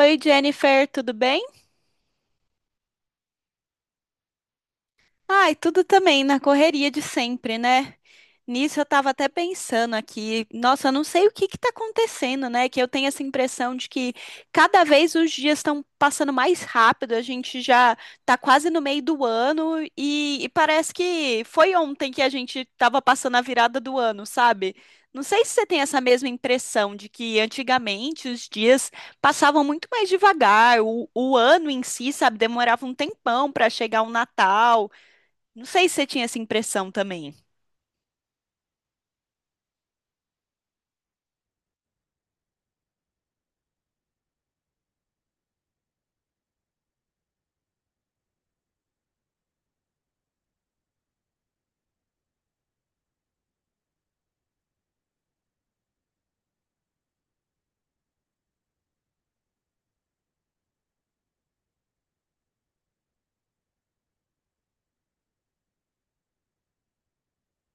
Oi, Jennifer, tudo bem? Ai, tudo também na correria de sempre, né? Nisso eu tava até pensando aqui, nossa, eu não sei o que que tá acontecendo, né? Que eu tenho essa impressão de que cada vez os dias estão passando mais rápido, a gente já tá quase no meio do ano e parece que foi ontem que a gente tava passando a virada do ano, sabe? Não sei se você tem essa mesma impressão de que antigamente os dias passavam muito mais devagar, o ano em si, sabe, demorava um tempão para chegar o Natal. Não sei se você tinha essa impressão também.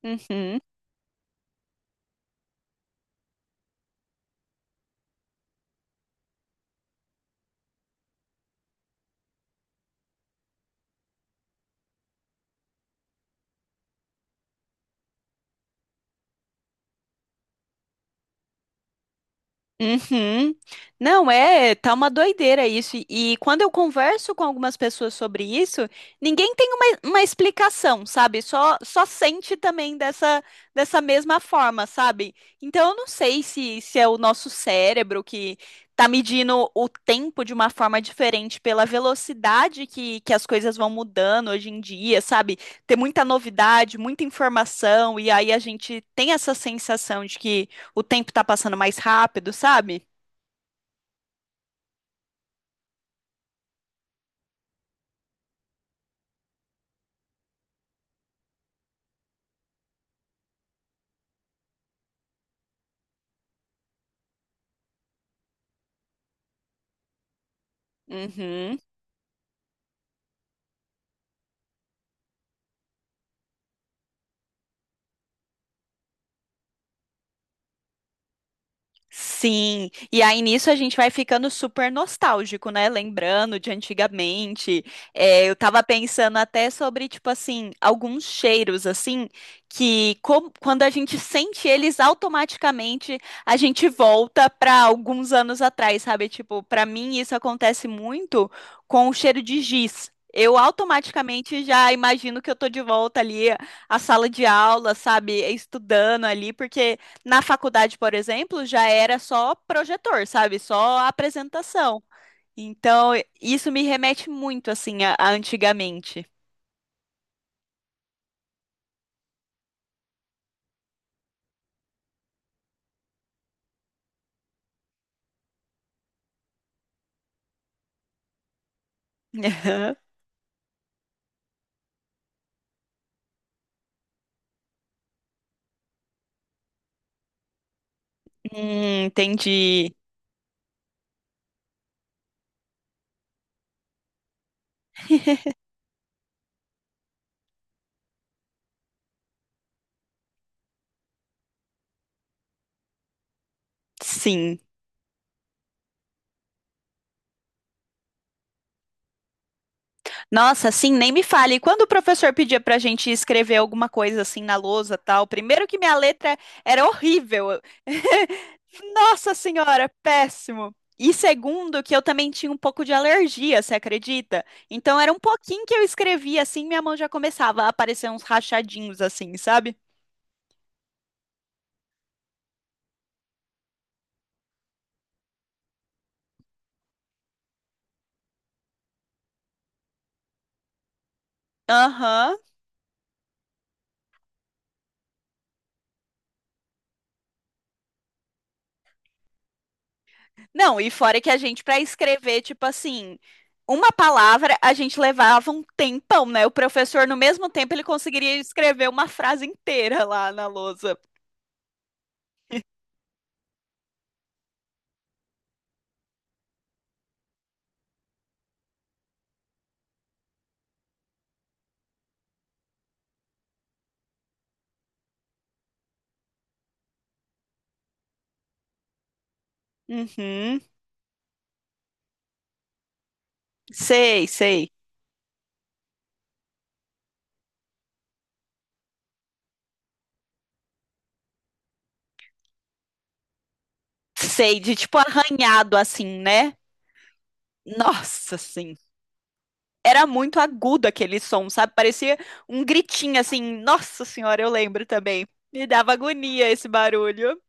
Uhum. Uhum. Não, é, tá uma doideira isso. E quando eu converso com algumas pessoas sobre isso, ninguém tem uma explicação, sabe? Só sente também dessa mesma forma, sabe? Então eu não sei se, se é o nosso cérebro que tá medindo o tempo de uma forma diferente pela velocidade que as coisas vão mudando hoje em dia, sabe? Tem muita novidade, muita informação, e aí a gente tem essa sensação de que o tempo tá passando mais rápido, sabe? Uhum. Sim, e aí nisso a gente vai ficando super nostálgico, né? Lembrando de antigamente. É, eu tava pensando até sobre, tipo assim, alguns cheiros, assim, que quando a gente sente eles automaticamente, a gente volta pra alguns anos atrás, sabe? Tipo, pra mim isso acontece muito com o cheiro de giz. Eu automaticamente já imagino que eu tô de volta ali à sala de aula, sabe? Estudando ali, porque. Na faculdade, por exemplo, já era só projetor, sabe? Só apresentação. Então, isso me remete muito, assim, a antigamente. Entendi. Sim. Nossa, assim, nem me fale. E quando o professor pedia pra gente escrever alguma coisa assim na lousa, tal, primeiro que minha letra era horrível. Nossa senhora, péssimo. E segundo, que eu também tinha um pouco de alergia, você acredita? Então era um pouquinho que eu escrevia assim, minha mão já começava a aparecer uns rachadinhos assim, sabe? Aham. Não, e fora que a gente, pra escrever, tipo assim, uma palavra, a gente levava um tempão, né? O professor, no mesmo tempo, ele conseguiria escrever uma frase inteira lá na lousa. Uhum. Sei, sei. Sei, de tipo arranhado assim, né? Nossa, sim. Era muito agudo aquele som, sabe? Parecia um gritinho assim. Nossa senhora, eu lembro também. Me dava agonia esse barulho.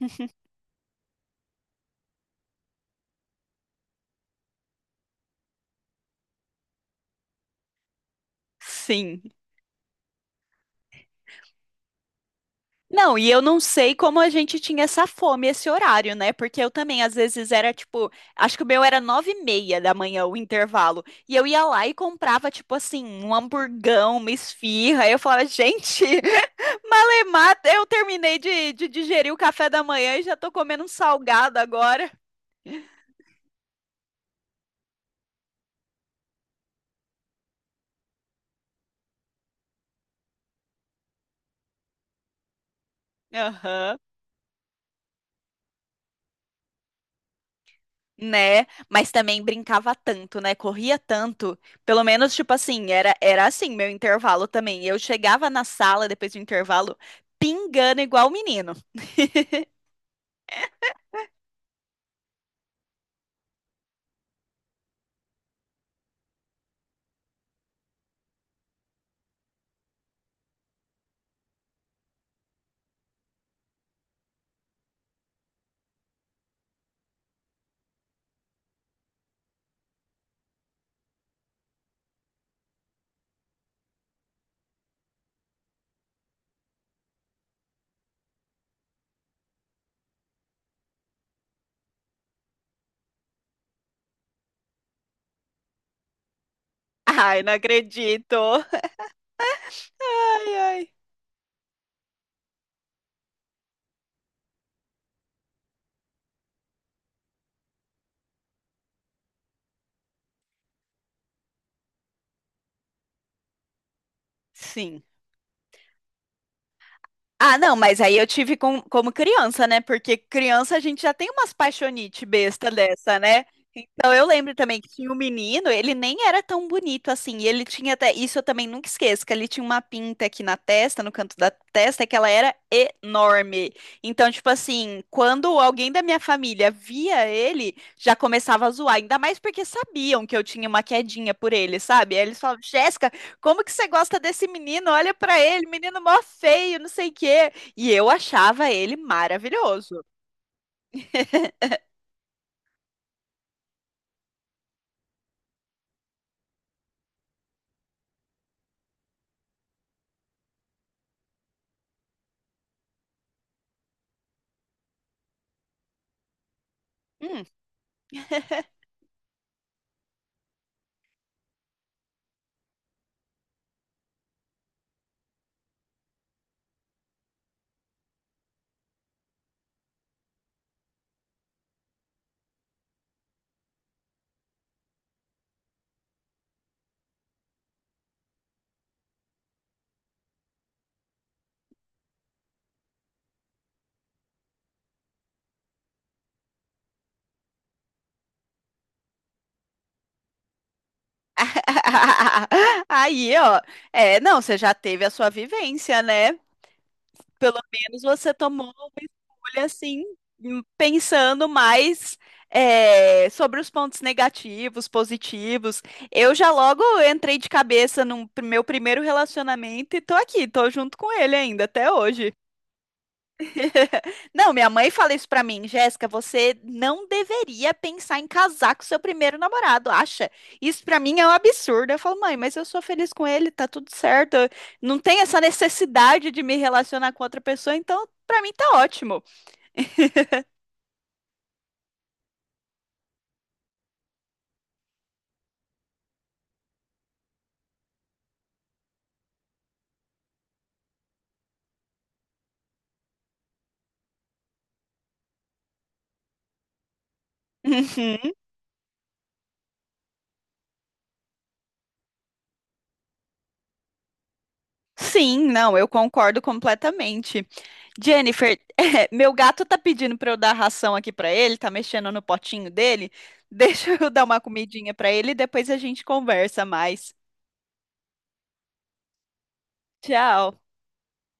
Sim. Não, e eu não sei como a gente tinha essa fome, esse horário, né? Porque eu também, às vezes, era tipo, acho que o meu era 9h30 da manhã, o intervalo. E eu ia lá e comprava, tipo assim, um hamburgão, uma esfirra. Aí eu falava, gente, malemar, eu terminei de digerir o café da manhã e já tô comendo um salgado agora. Aham. Né? Mas também brincava tanto, né? Corria tanto. Pelo menos, tipo assim, era assim meu intervalo também. Eu chegava na sala depois do intervalo pingando igual o menino. Ai, não acredito. Ai, ai. Sim. Ah, não, mas aí eu tive como criança, né? Porque criança a gente já tem umas paixonite besta dessa, né? Então eu lembro também que tinha um menino, ele nem era tão bonito assim, e ele tinha até, isso eu também nunca esqueço, que ele tinha uma pinta aqui na testa, no canto da testa, que ela era enorme. Então, tipo assim, quando alguém da minha família via ele, já começava a zoar, ainda mais porque sabiam que eu tinha uma quedinha por ele, sabe? Aí eles falavam, Jéssica, como que você gosta desse menino? Olha pra ele, menino mó feio, não sei o quê. E eu achava ele maravilhoso. Hum. Aí, ó, é, não, você já teve a sua vivência, né? Pelo menos você tomou uma escolha assim, pensando mais é, sobre os pontos negativos, positivos. Eu já logo entrei de cabeça no meu primeiro relacionamento e tô aqui, tô junto com ele ainda até hoje. Não, minha mãe fala isso pra mim, Jéssica, você não deveria pensar em casar com seu primeiro namorado, acha? Isso pra mim é um absurdo. Eu falo, mãe, mas eu sou feliz com ele, tá tudo certo. Eu Não tem essa necessidade de me relacionar com outra pessoa, então pra mim tá ótimo. Uhum. Sim, não, eu concordo completamente. Jennifer, meu gato tá pedindo pra eu dar ração aqui pra ele, tá mexendo no potinho dele. Deixa eu dar uma comidinha pra ele e depois a gente conversa mais. Tchau.